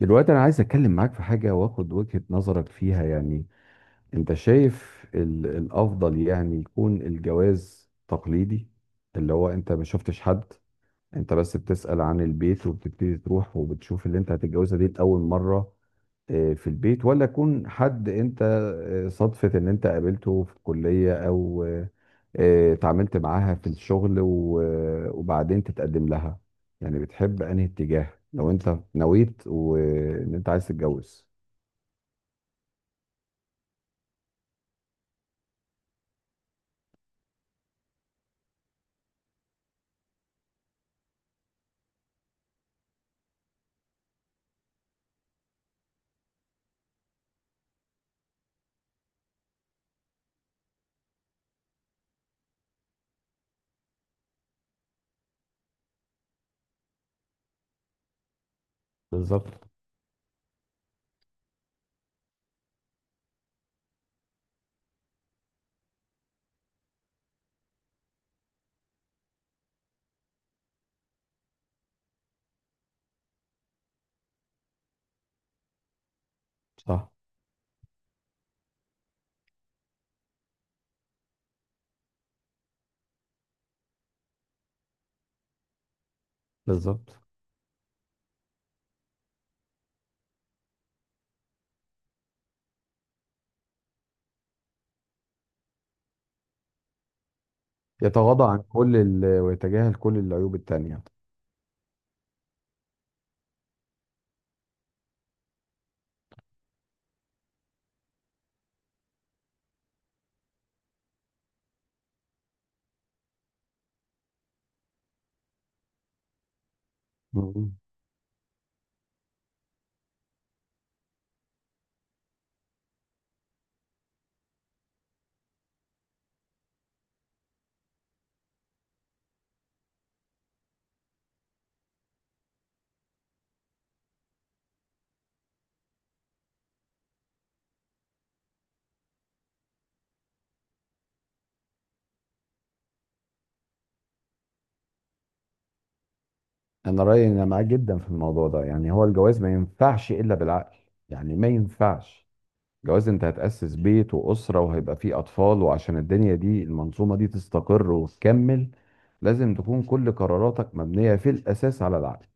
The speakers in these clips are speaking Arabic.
دلوقتي انا عايز اتكلم معاك في حاجه واخد وجهه نظرك فيها يعني. انت شايف الافضل يعني يكون الجواز تقليدي، اللي هو انت ما شفتش حد، انت بس بتسأل عن البيت وبتبتدي تروح وبتشوف اللي انت هتتجوزها دي لاول مره، في البيت. ولا يكون حد انت صدفة ان انت قابلته في الكلية، او اتعاملت معاها في الشغل وبعدين تتقدم لها. يعني بتحب انهي اتجاه لو انت نويت وان انت عايز تتجوز؟ بالظبط. صح. بالظبط. يتغاضى عن كل ويتجاهل كل العيوب التانية. مم. انا رأيي إن انا معاك جدا في الموضوع ده، يعني هو الجواز ما ينفعش الا بالعقل. يعني ما ينفعش جواز انت هتأسس بيت وأسرة وهيبقى فيه أطفال، وعشان الدنيا دي المنظومة دي تستقر وتكمل لازم تكون كل قراراتك مبنية في الأساس على العقل.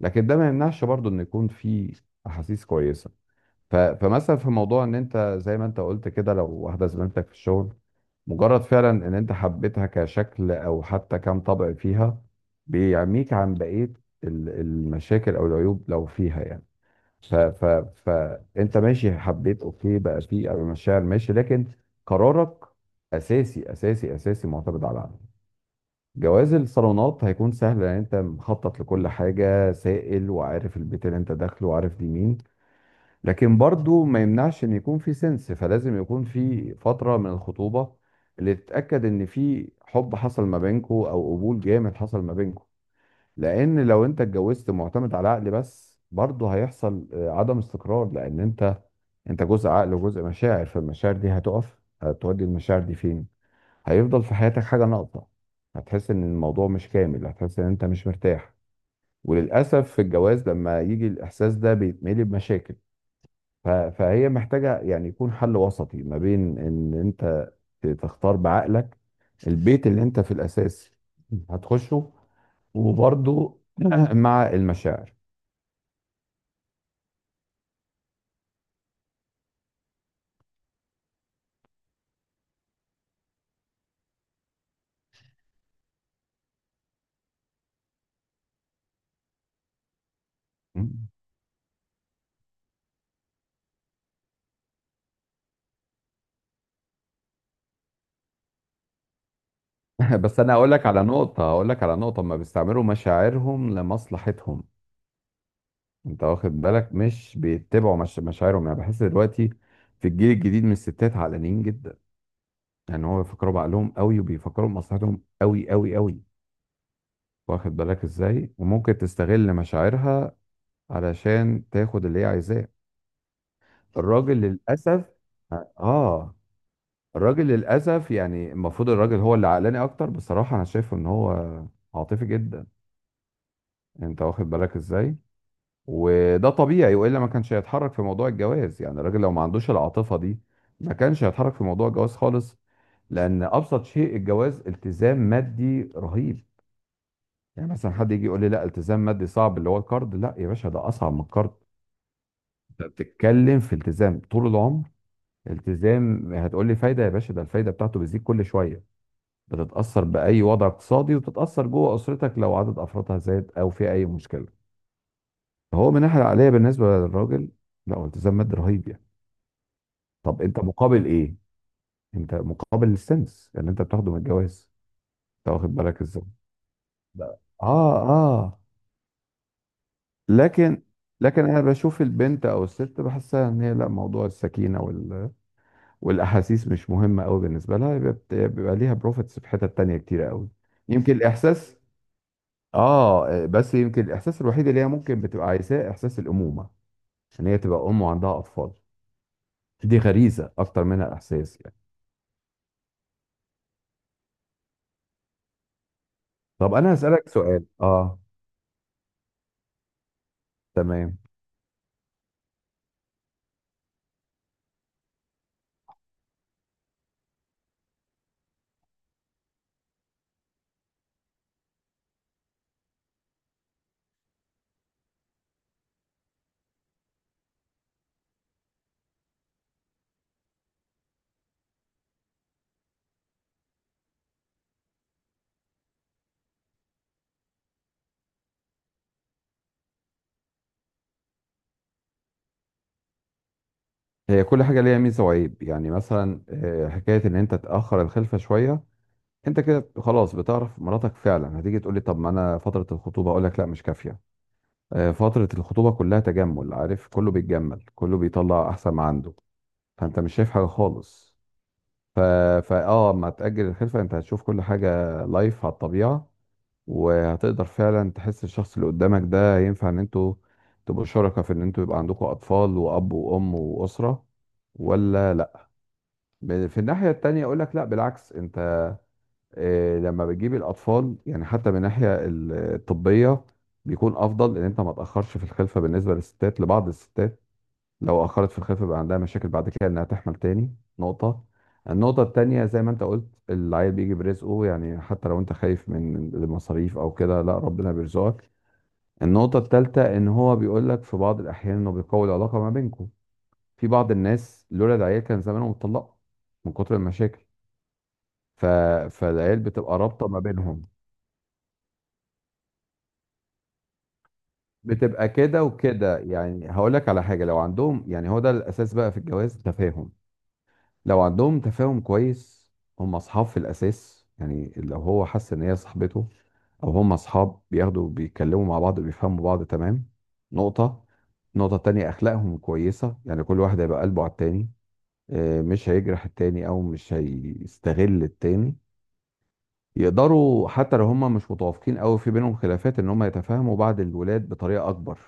لكن ده ما يمنعش برضو إن يكون في أحاسيس كويسة. فمثلا في موضوع إن أنت زي ما أنت قلت كده، لو واحدة زميلتك في الشغل مجرد فعلا إن أنت حبيتها كشكل أو حتى كم طبع فيها بيعميك عن بقية المشاكل أو العيوب لو فيها يعني. ف ف فانت ماشي حبيت اوكي، بقى في مشاعر ماشي، لكن قرارك اساسي اساسي اساسي معتمد على عقلك. جواز الصالونات هيكون سهل لان انت مخطط لكل حاجه سائل، وعارف البيت اللي انت داخله وعارف دي مين. لكن برضو ما يمنعش ان يكون في سنس، فلازم يكون في فتره من الخطوبه اللي تتاكد ان في حب حصل ما بينكو او قبول جامد حصل ما بينكو. لان لو انت اتجوزت معتمد على عقل بس برضه هيحصل عدم استقرار، لان انت جزء عقل وجزء مشاعر. فالمشاعر دي هتقف، هتودي المشاعر دي فين؟ هيفضل في حياتك حاجة ناقصة، هتحس ان الموضوع مش كامل، هتحس ان انت مش مرتاح. وللأسف في الجواز لما يجي الإحساس ده بيتملي بمشاكل. فهي محتاجة يعني يكون حل وسطي ما بين ان انت تختار بعقلك البيت اللي انت في الأساس هتخشه، وبرضه مع المشاعر. بس انا هقول لك على نقطه، هقول لك على نقطه، ما بيستعملوا مشاعرهم لمصلحتهم. انت واخد بالك، مش بيتبعوا مش مشاعرهم يعني. بحس دلوقتي في الجيل الجديد من الستات علانيين جدا، يعني هو بيفكروا بعقلهم قوي وبيفكروا بمصلحتهم قوي قوي قوي. واخد بالك ازاي؟ وممكن تستغل مشاعرها علشان تاخد اللي هي عايزاه. الراجل للاسف اه آه. الراجل للاسف يعني المفروض الراجل هو اللي عقلاني اكتر، بصراحة انا شايفه ان هو عاطفي جدا. انت واخد بالك ازاي. وده طبيعي، والا ما كانش هيتحرك في موضوع الجواز. يعني الراجل لو ما عندوش العاطفه دي ما كانش هيتحرك في موضوع الجواز خالص، لان ابسط شيء الجواز التزام مادي رهيب. يعني مثلا حد يجي يقول لي لا التزام مادي صعب اللي هو الكارد، لا يا باشا ده اصعب من الكارد. انت بتتكلم في التزام طول العمر. التزام هتقول لي فايده، يا باشا ده الفايده بتاعته بتزيد كل شويه، بتتاثر باي وضع اقتصادي وتتاثر جوه اسرتك لو عدد افرادها زاد او في اي مشكله. فهو من الناحيه العقليه بالنسبه للراجل، لا هو التزام مادي رهيب يعني. طب انت مقابل ايه؟ انت مقابل السنس اللي انت بتاخده من الجواز؟ انت واخد بالك ازاي. لا اه. اه. لكن لكن انا بشوف البنت او الست بحسها ان هي لا موضوع السكينه والاحاسيس مش مهمه قوي بالنسبه لها، يبقى بيبقى ليها بروفيتس في حتت تانية كتير قوي. يمكن الاحساس، اه بس يمكن الاحساس الوحيد اللي هي ممكن بتبقى عايزاه احساس الامومه، عشان هي تبقى ام وعندها اطفال. دي غريزه اكتر منها احساس يعني. طب انا هسالك سؤال اه. تمام. هي كل حاجة ليها ميزة وعيب، يعني مثلا حكاية إن أنت تأخر الخلفة شوية أنت كده خلاص بتعرف مراتك فعلا. هتيجي تقول لي طب ما أنا فترة الخطوبة؟ أقول لك لا مش كافية. فترة الخطوبة كلها تجمل عارف، كله بيتجمل كله بيطلع أحسن ما عنده، فأنت مش شايف حاجة خالص. ف... فا ما تأجل الخلفة أنت هتشوف كل حاجة لايف على الطبيعة، وهتقدر فعلا تحس الشخص اللي قدامك ده ينفع إن أنتوا تبقوا شركاء في إن أنتوا يبقى عندكم أطفال وأب وأم وأسرة. ولا في الناحية التانية أقول لك لا بالعكس، أنت لما بتجيب الأطفال يعني حتى من الناحية الطبية بيكون أفضل إن أنت ما تأخرش في الخلفة، بالنسبة للستات، لبعض الستات لو أخرت في الخلفة بقى عندها مشاكل بعد كده إنها تحمل تاني. نقطة، النقطة التانية زي ما أنت قلت، العيل بيجي برزقه، يعني حتى لو أنت خايف من المصاريف أو كده لا ربنا بيرزقك. النقطة التالتة إن هو بيقول لك في بعض الأحيان إنه بيقوي العلاقة ما بينكم. في بعض الناس لولا العيال كان زمانهم اتطلقوا من كتر المشاكل. ف... فالعيال بتبقى رابطه ما بينهم. بتبقى كده وكده يعني. هقول لك على حاجه، لو عندهم يعني هو ده الاساس بقى في الجواز، تفاهم. لو عندهم تفاهم كويس هم اصحاب في الاساس، يعني لو هو حس ان هي صاحبته او هم اصحاب، بياخدوا بيتكلموا مع بعض وبيفهموا بعض تمام. نقطه، نقطه تانية اخلاقهم كويسه، يعني كل واحد هيبقى قلبه على التاني، مش هيجرح التاني او مش هيستغل التاني. يقدروا حتى لو هم مش متوافقين قوي في بينهم خلافات ان هم يتفاهموا بعد الولاد بطريقه اكبر،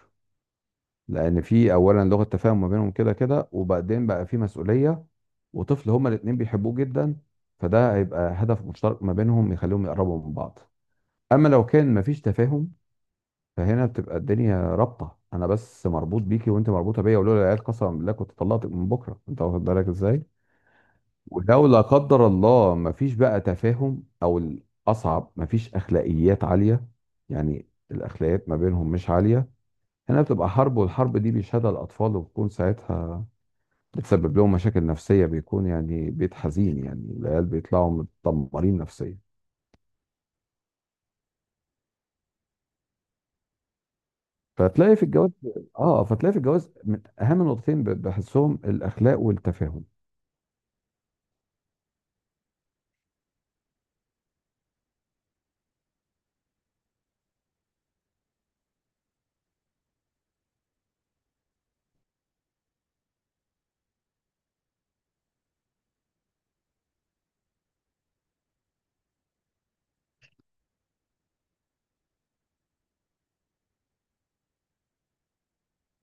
لان في اولا لغه تفاهم ما بينهم كده كده، وبعدين بقى في مسؤوليه وطفل هما الاتنين بيحبوه جدا، فده هيبقى هدف مشترك ما بينهم يخليهم يقربوا من بعض. اما لو كان مفيش تفاهم فهنا بتبقى الدنيا رابطه: انا بس مربوط بيكي وانت مربوطه بيا، ولولا العيال قسما بالله كنت طلقتك من بكره. انت واخد بالك ازاي. ولو لا قدر الله مفيش بقى تفاهم، او الاصعب مفيش اخلاقيات عاليه، يعني الاخلاقيات ما بينهم مش عاليه، هنا بتبقى حرب، والحرب دي بيشهدها الاطفال، وبتكون ساعتها بتسبب لهم مشاكل نفسيه، بيكون يعني بيت حزين، يعني العيال بيطلعوا متدمرين نفسيا. فتلاقي في الجواز، اه فتلاقي في الجواز من اهم النقطتين بحسهم الاخلاق والتفاهم.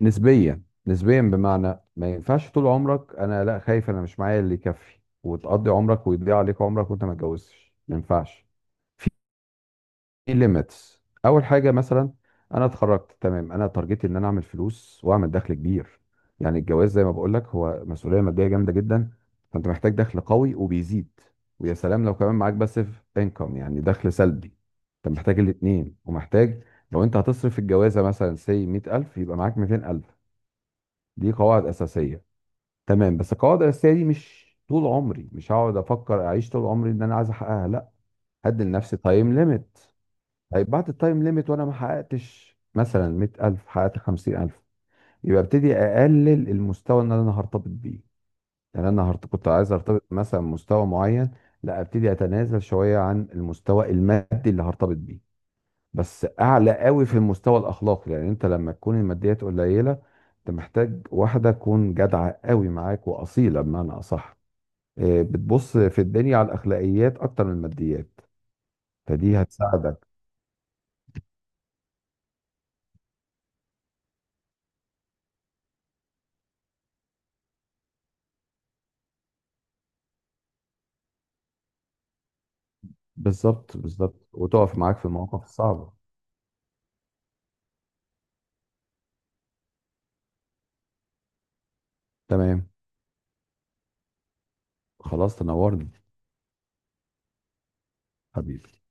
نسبيا. نسبيا بمعنى ما ينفعش طول عمرك انا لا خايف انا مش معايا اللي يكفي، وتقضي عمرك ويضيع عليك عمرك وانت ما اتجوزتش، ما ينفعش. في ليميتس. اول حاجه مثلا انا اتخرجت تمام، انا تارجتي ان انا اعمل فلوس واعمل دخل كبير. يعني الجواز زي ما بقول لك هو مسؤوليه ماديه جامده جدا، فانت محتاج دخل قوي وبيزيد، ويا سلام لو كمان معاك باسيف انكم يعني دخل سلبي. انت محتاج الاثنين ومحتاج. لو انت هتصرف في الجوازه مثلا سي 100,000 يبقى معاك 200,000. دي قواعد اساسيه تمام. بس القواعد الاساسيه دي مش طول عمري، مش هقعد افكر اعيش طول عمري ان انا عايز احققها، لا. هدي لنفسي تايم ليميت. طيب بعد التايم ليميت وانا ما حققتش مثلا 100,000 حققت 50,000، يبقى ابتدي اقلل المستوى اللي انا هرتبط بيه. يعني انا كنت عايز ارتبط مثلا بمستوى معين. لا ابتدي اتنازل شويه عن المستوى المادي اللي هرتبط بيه، بس اعلى قوي في المستوى الاخلاقي. لان انت لما تكون الماديات قليله انت محتاج واحده تكون جدعه قوي معاك واصيله بمعنى اصح، إيه، بتبص في الدنيا على الاخلاقيات اكتر من الماديات، فدي هتساعدك. بالظبط بالظبط. وتقف معاك في المواقف الصعبه. تمام. خلاص تنورني. حبيبي.